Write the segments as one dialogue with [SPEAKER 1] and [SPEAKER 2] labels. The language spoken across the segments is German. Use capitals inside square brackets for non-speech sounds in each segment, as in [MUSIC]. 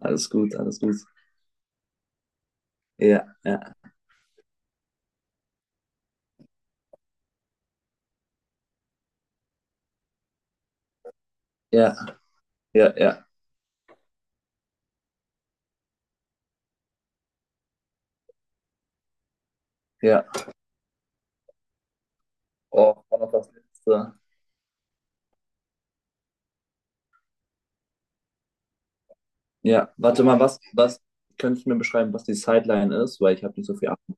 [SPEAKER 1] Alles gut, alles gut. Ja, ja, ja, ja, ja, ja. Oh, war noch das letzte. Ja, warte mal, was könntest du mir beschreiben, was die Sideline ist? Weil ich habe nicht so viel Ahnung.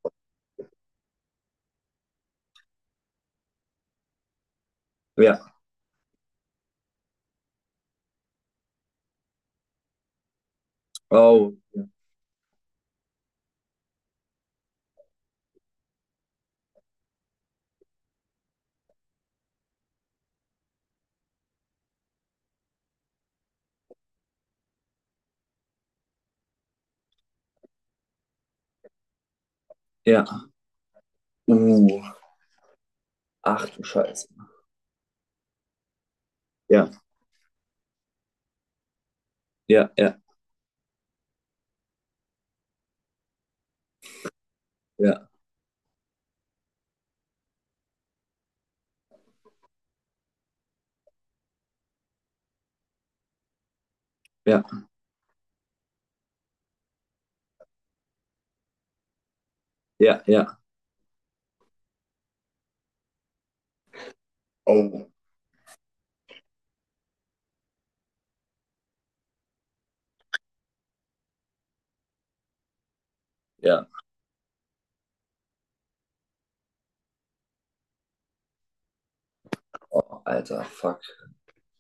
[SPEAKER 1] Ja. Oh, ja. Ja. Uh, Ach du Scheiße. Ja, ja, ja, ja, ja, ja, ja. Oh, ja. Oh, Alter, fuck.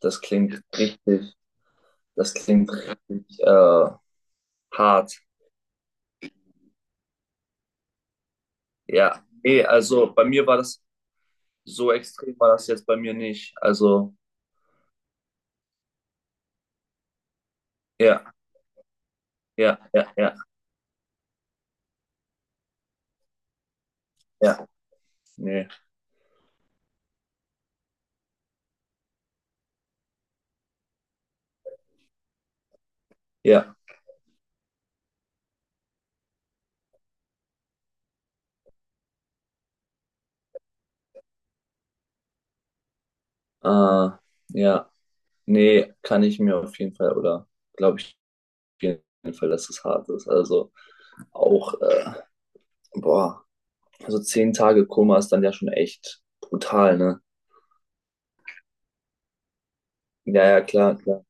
[SPEAKER 1] Das klingt richtig, das klingt richtig, hart. Ja. Nee, also bei mir war das so extrem, war das jetzt bei mir nicht. Also, ja, ja, ja, ja. Ja, nee, ja, äh, ja, nee, kann ich mir auf jeden Fall oder glaube ich auf jeden Fall, dass es hart ist. Also auch, boah, also 10 Tage Koma ist dann ja schon echt brutal, ne? Ja, ja, klar, klar.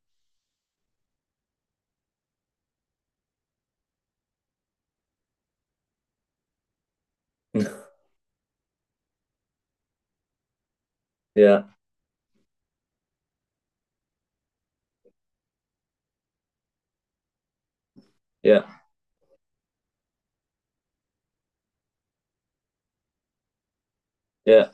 [SPEAKER 1] [LAUGHS] Ja, ja, ja,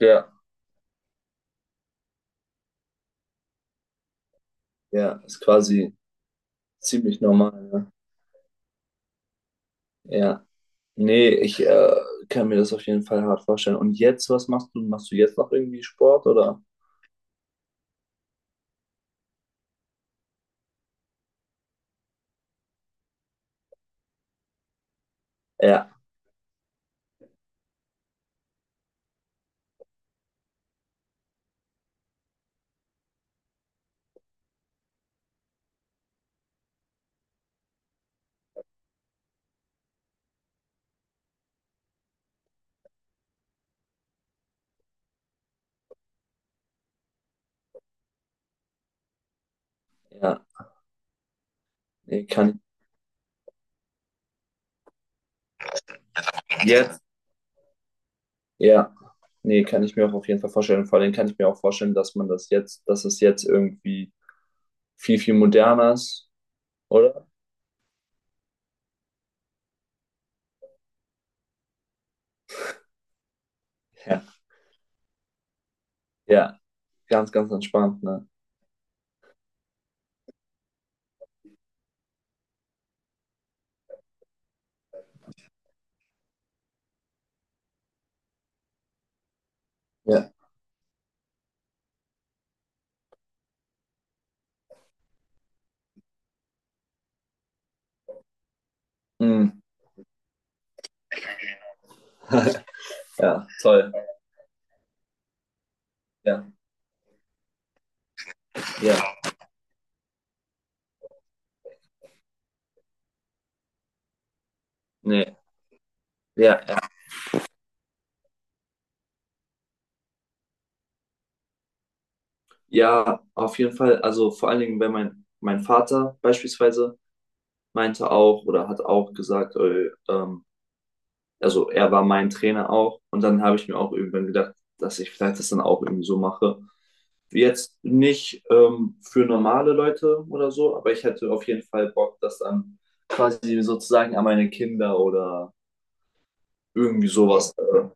[SPEAKER 1] ja, ja, ist quasi ziemlich normal, ne? Ja, nee, ich kann mir das auf jeden Fall hart vorstellen. Und jetzt, was machst du? Machst du jetzt noch irgendwie Sport oder? Ja, ja, nee, kann ich. Jetzt. Ja, nee, kann ich mir auch auf jeden Fall vorstellen. Vor allem kann ich mir auch vorstellen, dass man dass es jetzt irgendwie viel, viel moderner ist, oder? Ja, ja, ganz, ganz entspannt, ne? Ja. Mm. [LAUGHS] Ja, toll. Ja, ja, nee, ja, ja. Ja, auf jeden Fall. Also vor allen Dingen, wenn mein Vater beispielsweise meinte auch oder hat auch gesagt, also er war mein Trainer auch. Und dann habe ich mir auch irgendwann gedacht, dass ich vielleicht das dann auch irgendwie so mache. Jetzt nicht für normale Leute oder so, aber ich hätte auf jeden Fall Bock, das dann quasi sozusagen an meine Kinder oder irgendwie sowas.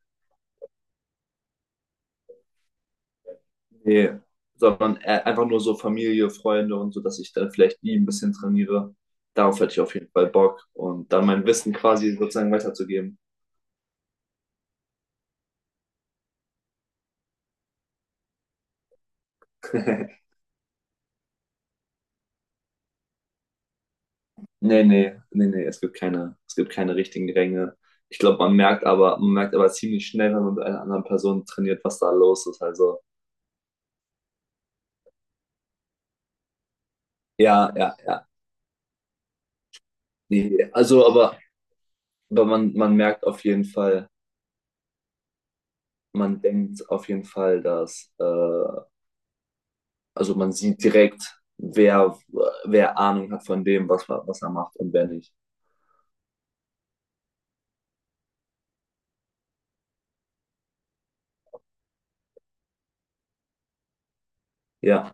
[SPEAKER 1] Nee, sondern einfach nur so Familie, Freunde und so, dass ich dann vielleicht die ein bisschen trainiere. Darauf hätte ich auf jeden Fall Bock und dann mein Wissen quasi sozusagen weiterzugeben. [LAUGHS] Nee, nee, nee, nee, es gibt keine richtigen Ränge. Ich glaube, man merkt aber ziemlich schnell, wenn man mit einer anderen Person trainiert, was da los ist. Also, ja, ja, ja. Nee, also aber man merkt auf jeden Fall, man denkt auf jeden Fall, also man sieht direkt, wer Ahnung hat von dem, was er macht und wer nicht. Ja,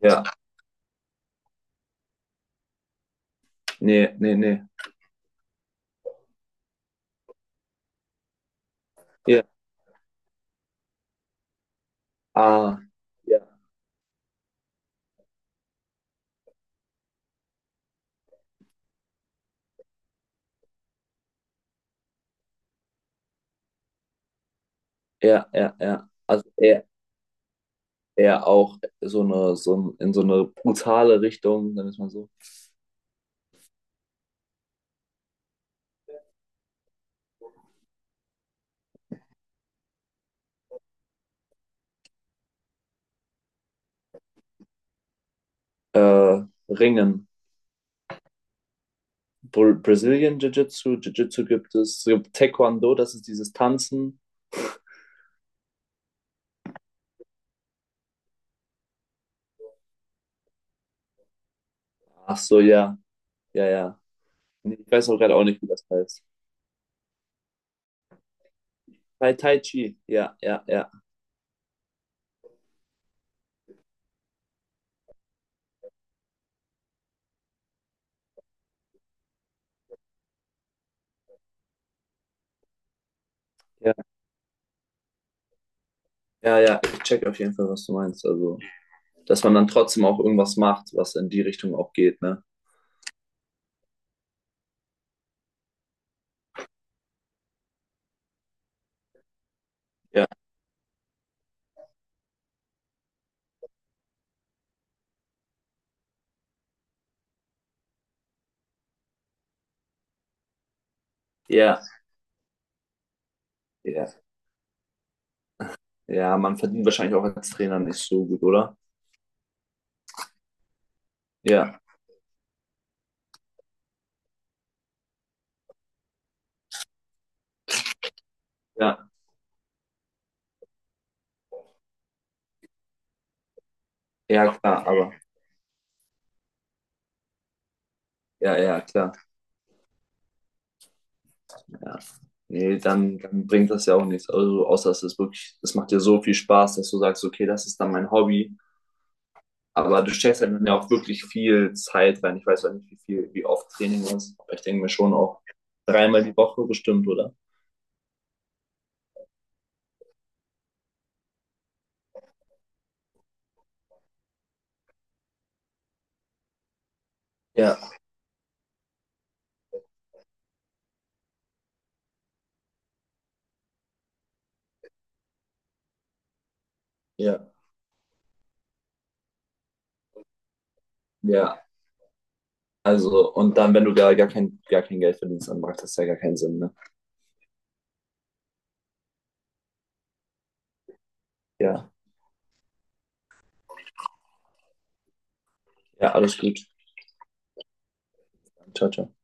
[SPEAKER 1] ja, nee, nee, nee. Ja, ah, ja, ja, ja, ja. Also er auch so eine, in so eine brutale Richtung, sagen wir es mal so. Äh, Ringen. Brazilian Jiu-Jitsu, Jiu-Jitsu gibt es, es gibt Taekwondo, das ist dieses Tanzen. Ach so, ja. Ja, ja, nee, ich weiß auch gerade auch nicht, wie das heißt. Tai Chi, ja, ja, ja, ja, ja, ja, ich check auf jeden Fall, was du meinst. Also, dass man dann trotzdem auch irgendwas macht, was in die Richtung auch geht, ne? Ja, ja, ja, ja, man verdient wahrscheinlich auch als Trainer nicht so gut, oder? Ja, ja, ja, klar, aber, ja, ja, klar, ja. Nee, dann bringt das ja auch nichts. Also, außer es ist wirklich, das macht dir so viel Spaß, dass du sagst, okay, das ist dann mein Hobby. Aber du steckst halt ja auch wirklich viel Zeit rein. Ich weiß auch nicht, wie oft Training ist. Aber ich denke mir schon auch dreimal die Woche bestimmt, oder? Ja, ja, ja. Also, und dann, wenn du gar kein Geld verdienst, dann macht das ja gar keinen Sinn, ne? Ja, ja, alles gut. Ciao, ciao.